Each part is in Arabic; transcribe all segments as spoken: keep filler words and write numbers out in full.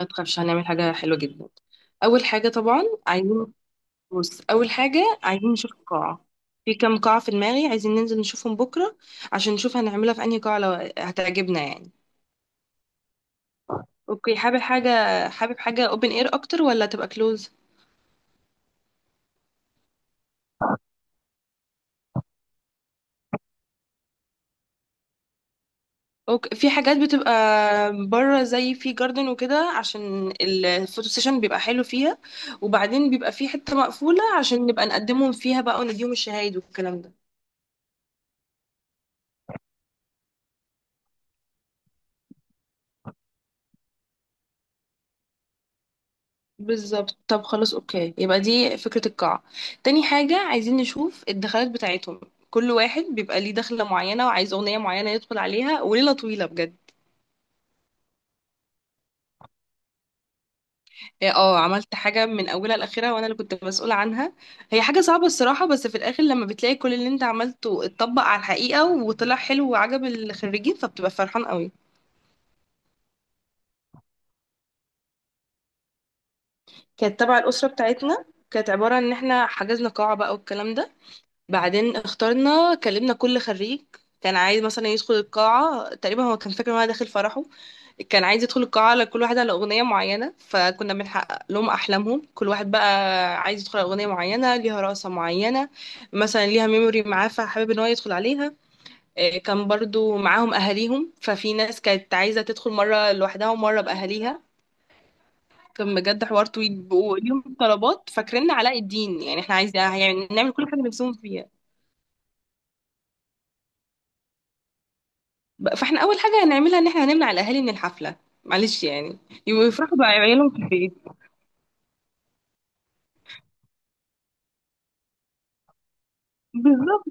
ما تخافش، هنعمل حاجة حلوة جدا. أول حاجة طبعا عايزين. بص، أول حاجة عايزين نشوف القاعة. في كام قاعة في دماغي عايزين ننزل نشوفهم بكرة عشان نشوف هنعملها في أنهي قاعة لو هتعجبنا يعني. أوكي، حابب حاجة. حابب حاجة open air أكتر ولا تبقى close؟ أوكي، في حاجات بتبقى بره زي في جاردن وكده عشان الفوتو سيشن بيبقى حلو فيها. وبعدين بيبقى في حتة مقفولة عشان نبقى نقدمهم فيها بقى ونديهم الشهايد والكلام ده. بالظبط. طب خلاص، اوكي، يبقى دي فكرة القاعة. تاني حاجة عايزين نشوف الدخلات بتاعتهم. كل واحد بيبقى ليه دخلة معينة وعايز أغنية معينة يدخل عليها، وليلة طويلة بجد. إيه، اه، عملت حاجة من أولها لآخرها وأنا اللي كنت مسؤولة عنها. هي حاجة صعبة الصراحة، بس في الآخر لما بتلاقي كل اللي أنت عملته اتطبق على الحقيقة وطلع حلو وعجب الخريجين فبتبقى فرحان قوي. كانت تبع الأسرة بتاعتنا. كانت عبارة إن احنا حجزنا قاعة بقى والكلام ده. بعدين اخترنا، كلمنا كل خريج كان عايز مثلا يدخل القاعة، تقريبا هو كان فاكر ان هو داخل فرحه. كان عايز يدخل القاعة على كل واحد على أغنية معينة، فكنا بنحقق لهم أحلامهم. كل واحد بقى عايز يدخل على أغنية معينة ليها رقصة معينة، مثلا ليها ميموري معاه فحابب ان هو يدخل عليها. إيه، كان برضو معاهم أهاليهم، ففي ناس كانت عايزة تدخل مرة لوحدها ومرة بأهاليها. كان بجد حوار طويل وليهم طلبات، فاكرين علاء الدين، يعني احنا عايزين يعني نعمل كل حاجة نفسهم فيها. بقى- فاحنا اول حاجه هنعملها ان احنا هنمنع الاهالي من الحفله. معلش يعني، يفرحوا بعيالهم في البيت. بالظبط،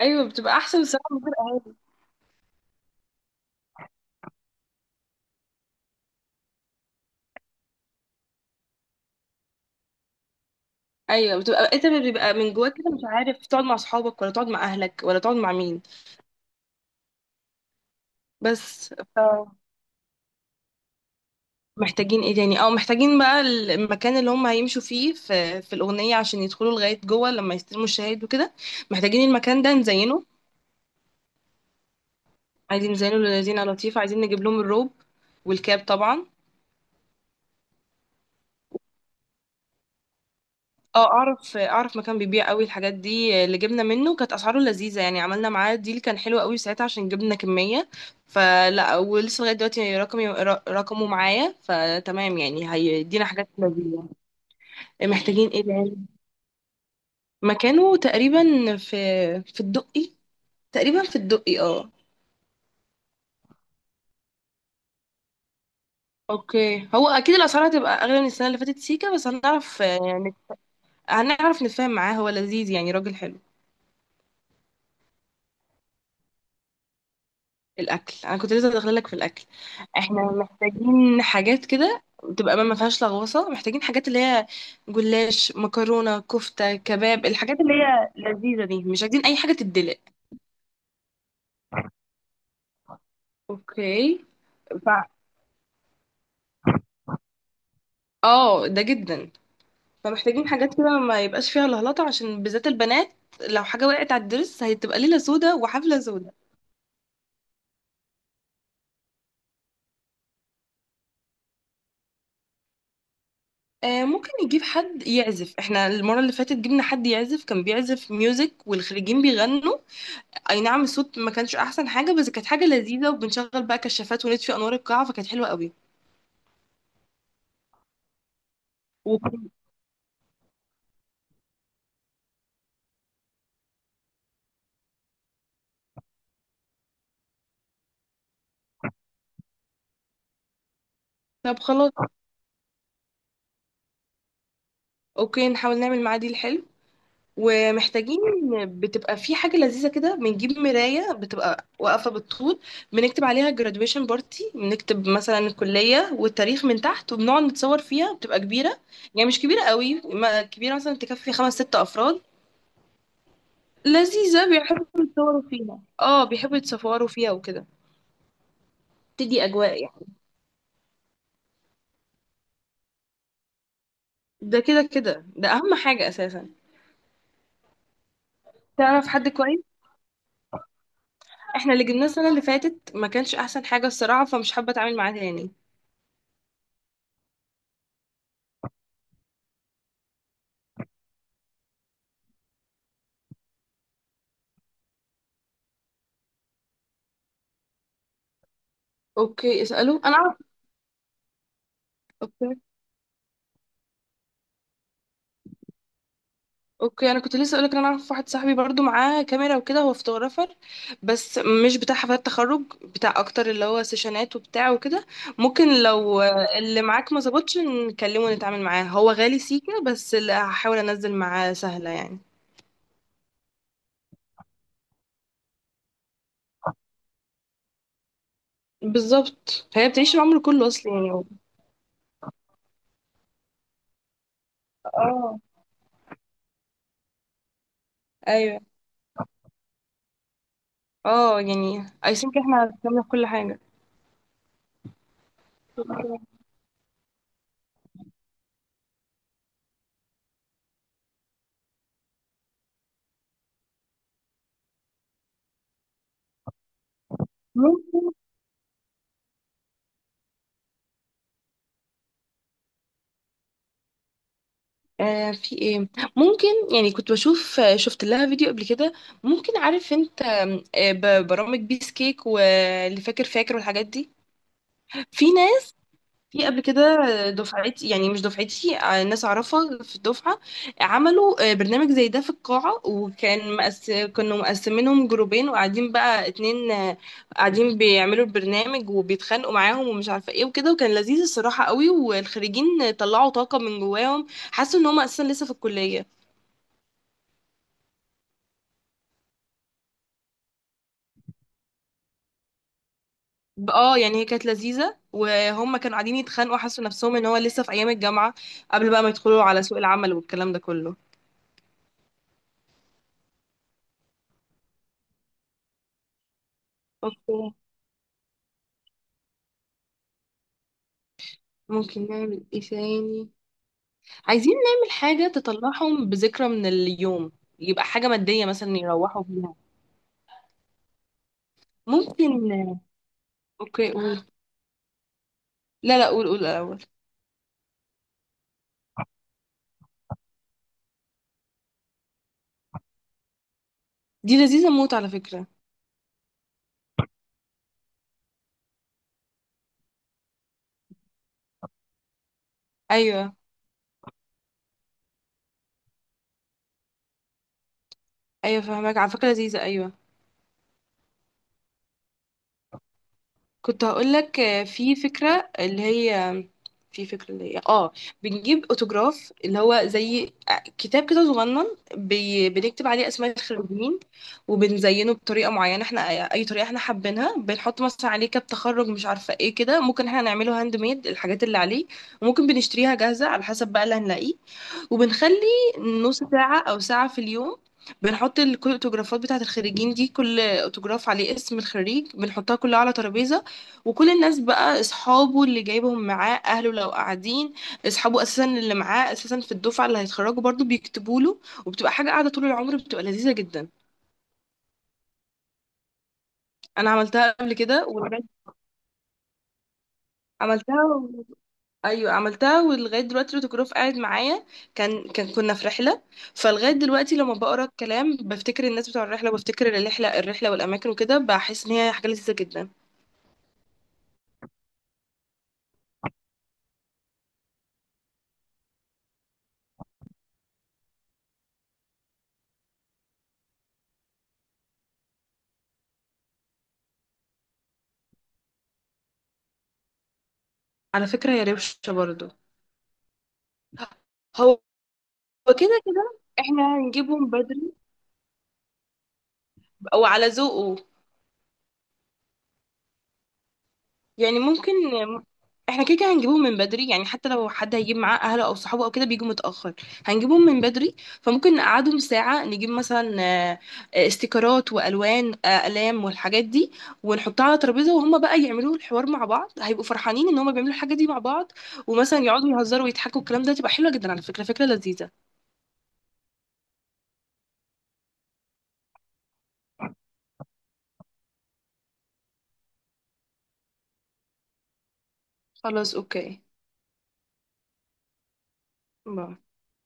ايوه بتبقى احسن الصراحه من غير أهل. ايوه بتبقى انت بيبقى من جواك كده مش عارف تقعد مع اصحابك ولا تقعد مع اهلك ولا تقعد مع مين. بس ف محتاجين ايه تاني؟ او محتاجين بقى المكان اللي هم هيمشوا فيه في, في الاغنيه عشان يدخلوا لغايه جوه لما يستلموا الشهايد وكده. محتاجين المكان ده نزينه. عايزين نزينه للذين لطيف. عايزين نجيب لهم الروب والكاب طبعا. اه، اعرف اعرف مكان بيبيع قوي الحاجات دي، اللي جبنا منه كانت اسعاره لذيذه يعني. عملنا معاه ديل كان حلو قوي ساعتها عشان جبنا كميه. فلا ولسه لغايه دلوقتي رقمي رقمه معايا، فتمام يعني هيدينا حاجات لذيذه. محتاجين ايه تاني؟ مكانه تقريبا في، في الدقي. تقريبا في الدقي، اه. اوكي، هو اكيد الاسعار هتبقى اغلى من السنه اللي فاتت سيكا، بس هنعرف، آه، نت- هنعرف نتفاهم معاه. هو لذيذ يعني راجل حلو. الاكل انا كنت لسه داخله لك في الاكل. احنا محتاجين حاجات كده تبقى ما فيهاش لغوصه. محتاجين حاجات اللي هي جلاش، مكرونه، كفته، كباب، الحاجات اللي هي لذيذه دي. مش عايزين اي حاجه تتدلق. اوكي. ف اه، ده جدا. فمحتاجين حاجات كده ما يبقاش فيها لهلطه عشان بالذات البنات. لو حاجه وقعت على الدرس هتبقى ليله سودا وحفله سودا. آه، ممكن نجيب حد يعزف. احنا المره اللي فاتت جبنا حد يعزف، كان بيعزف ميوزك والخريجين بيغنوا. اي نعم الصوت ما كانش احسن حاجه، بس كانت حاجه لذيذه. وبنشغل بقى كشافات ونطفي انوار القاعه، فكانت حلوه قوي. وكنا- طب خلاص، اوكي نحاول نعمل معادي الحلو. ومحتاجين، بتبقى في حاجه لذيذه كده، بنجيب مرايه بتبقى واقفه بالطول، بنكتب عليها graduation بارتي، بنكتب مثلا الكليه والتاريخ من تحت وبنقعد نتصور فيها. بتبقى كبيره، يعني مش كبيره قوي. ما- كبيره مثلا تكفي خمس ست أفراد. لذيذه بيحبوا يتصوروا فيها، اه بيحبوا يتصوروا فيها وكده. تدي اجواء يعني. ده كده كده ده اهم حاجة اساسا. تعرف حد كويس؟ احنا اللي جبناه السنة اللي فاتت ما كانش احسن حاجة الصراحة، فمش حابة اتعامل معاه تاني. اوكي، اسأله انا اعرف. اوكي. اوكي، انا كنت لسه اقولك ان انا اعرف واحد صاحبي برضو معاه كاميرا وكده، هو فوتوغرافر بس مش بتاع حفلات تخرج، بتاع اكتر اللي هو سيشنات وبتاع وكده. ممكن لو اللي معاك ما ظبطش نكلمه ونتعامل معاه. هو غالي سيكا، بس اللي هحاول انزل معاه سهلة يعني. بالظبط، هي بتعيش العمر كله اصلا يعني. اه، ايوه. اه يعني I think احنا هنعمل كل حاجة. ممكن. آه في ايه، ممكن؟ يعني كنت بشوف، آه، شفت لها فيديو قبل كده. ممكن عارف انت، آم، آه ب- برامج بيس كيك واللي فاكر فاكر والحاجات دي. في في قبل كده، دفعتي، يعني مش دفعتي، آه، ناس اعرفها في الدفعه عملوا، آه، برنامج زي ده في القاعه. وكان مقس... كانوا مقسمينهم جروبين، وقاعدين بقى اتنين، آه، قاعدين بيعملوا البرنامج وبيتخانقوا معاهم ومش عارفه ايه وكده، وكان لذيذ الصراحه قوي. والخريجين طلعوا طاقه من جواهم، حسوا ان هم اساسا لسه في الكليه. اه يعني هي كانت لذيذه وهم كانوا قاعدين يتخانقوا، حسوا نفسهم ان هو لسه في ايام الجامعه قبل بقى ما يدخلوا على سوق العمل والكلام ده كله. اوكي. ممكن نعمل ايه تاني؟ عايزين نعمل حاجة تطلعهم بذكرى من اليوم، يبقى حاجة مادية مثلا يروحوا بيها. ممكن، اوكي قول. لا لا، قول قول الأول. دي لذيذة موت على فكرة. ايوه ايوه فهمك، على فكرة لذيذة، ايوه. كنت هقولك، آه، في فكرة اللي هي، في فكرة اللي هي اه، بنجيب اوتوجراف اللي هو زي، آه، كتاب كده صغنن. بي... بنكتب عليه اسماء الخريجين، وبنزينه بطريقة معينة احنا، اي طريقة احنا حابينها. بنحط مثلا عليه كاب تخرج، مش عارفة ايه كده، ممكن احنا نعمله هاند ميد الحاجات اللي عليه، وممكن بنشتريها جاهزة على حسب بقى اللي هنلاقيه. وبنخلي نص ساعة أو ساعة في اليوم، بنحط ال- كل الأوتوجرافات بتاعة الخريجين دي، كل أوتوجراف عليه اسم الخريج، بنحطها كلها على ترابيزة. وكل الناس بقى، أصحابه اللي جايبهم معاه، أهله لو قاعدين، أصحابه أساسا اللي معاه أساسا في الدفعة اللي هيتخرجوا برضو، بيكتبوا له. وبتبقى حاجة قاعدة طول العمر، بتبقى لذيذة جدا. أنا عملتها قبل كده، وعملتها، ايوه عملتها، ولغايه دلوقتي الاوتوجراف قاعد معايا. كان كان كنا في رحله، فلغايه دلوقتي لما بقرا الكلام بفتكر الناس بتوع الرحله، وبفتكر الرحله الرحله والاماكن وكده، بحس ان هي حاجه لذيذه جدا. على فكره هي روشه برضه. هو كده كده احنا هنجيبهم بدري وعلى ذوقه. يعني ممكن، احنا كده كده هنجيبهم من بدري، يعني حتى لو حد هيجيب معاه اهله او صحابه او كده بيجوا متاخر، هنجيبهم من بدري. فممكن نقعدهم ساعه، نجيب مثلا، آه، آه، استيكرات والوان، آه، اقلام والحاجات دي، ونحطها على ترابيزه، وهم بقى يعملوا الحوار مع بعض، هيبقوا فرحانين ان هم بيعملوا الحاجه دي مع بعض، ومثلا يقعدوا يهزروا ويضحكوا الكلام ده، تبقى حلوه جدا على فكره، فكره لذيذه. خلاص اوكي باي.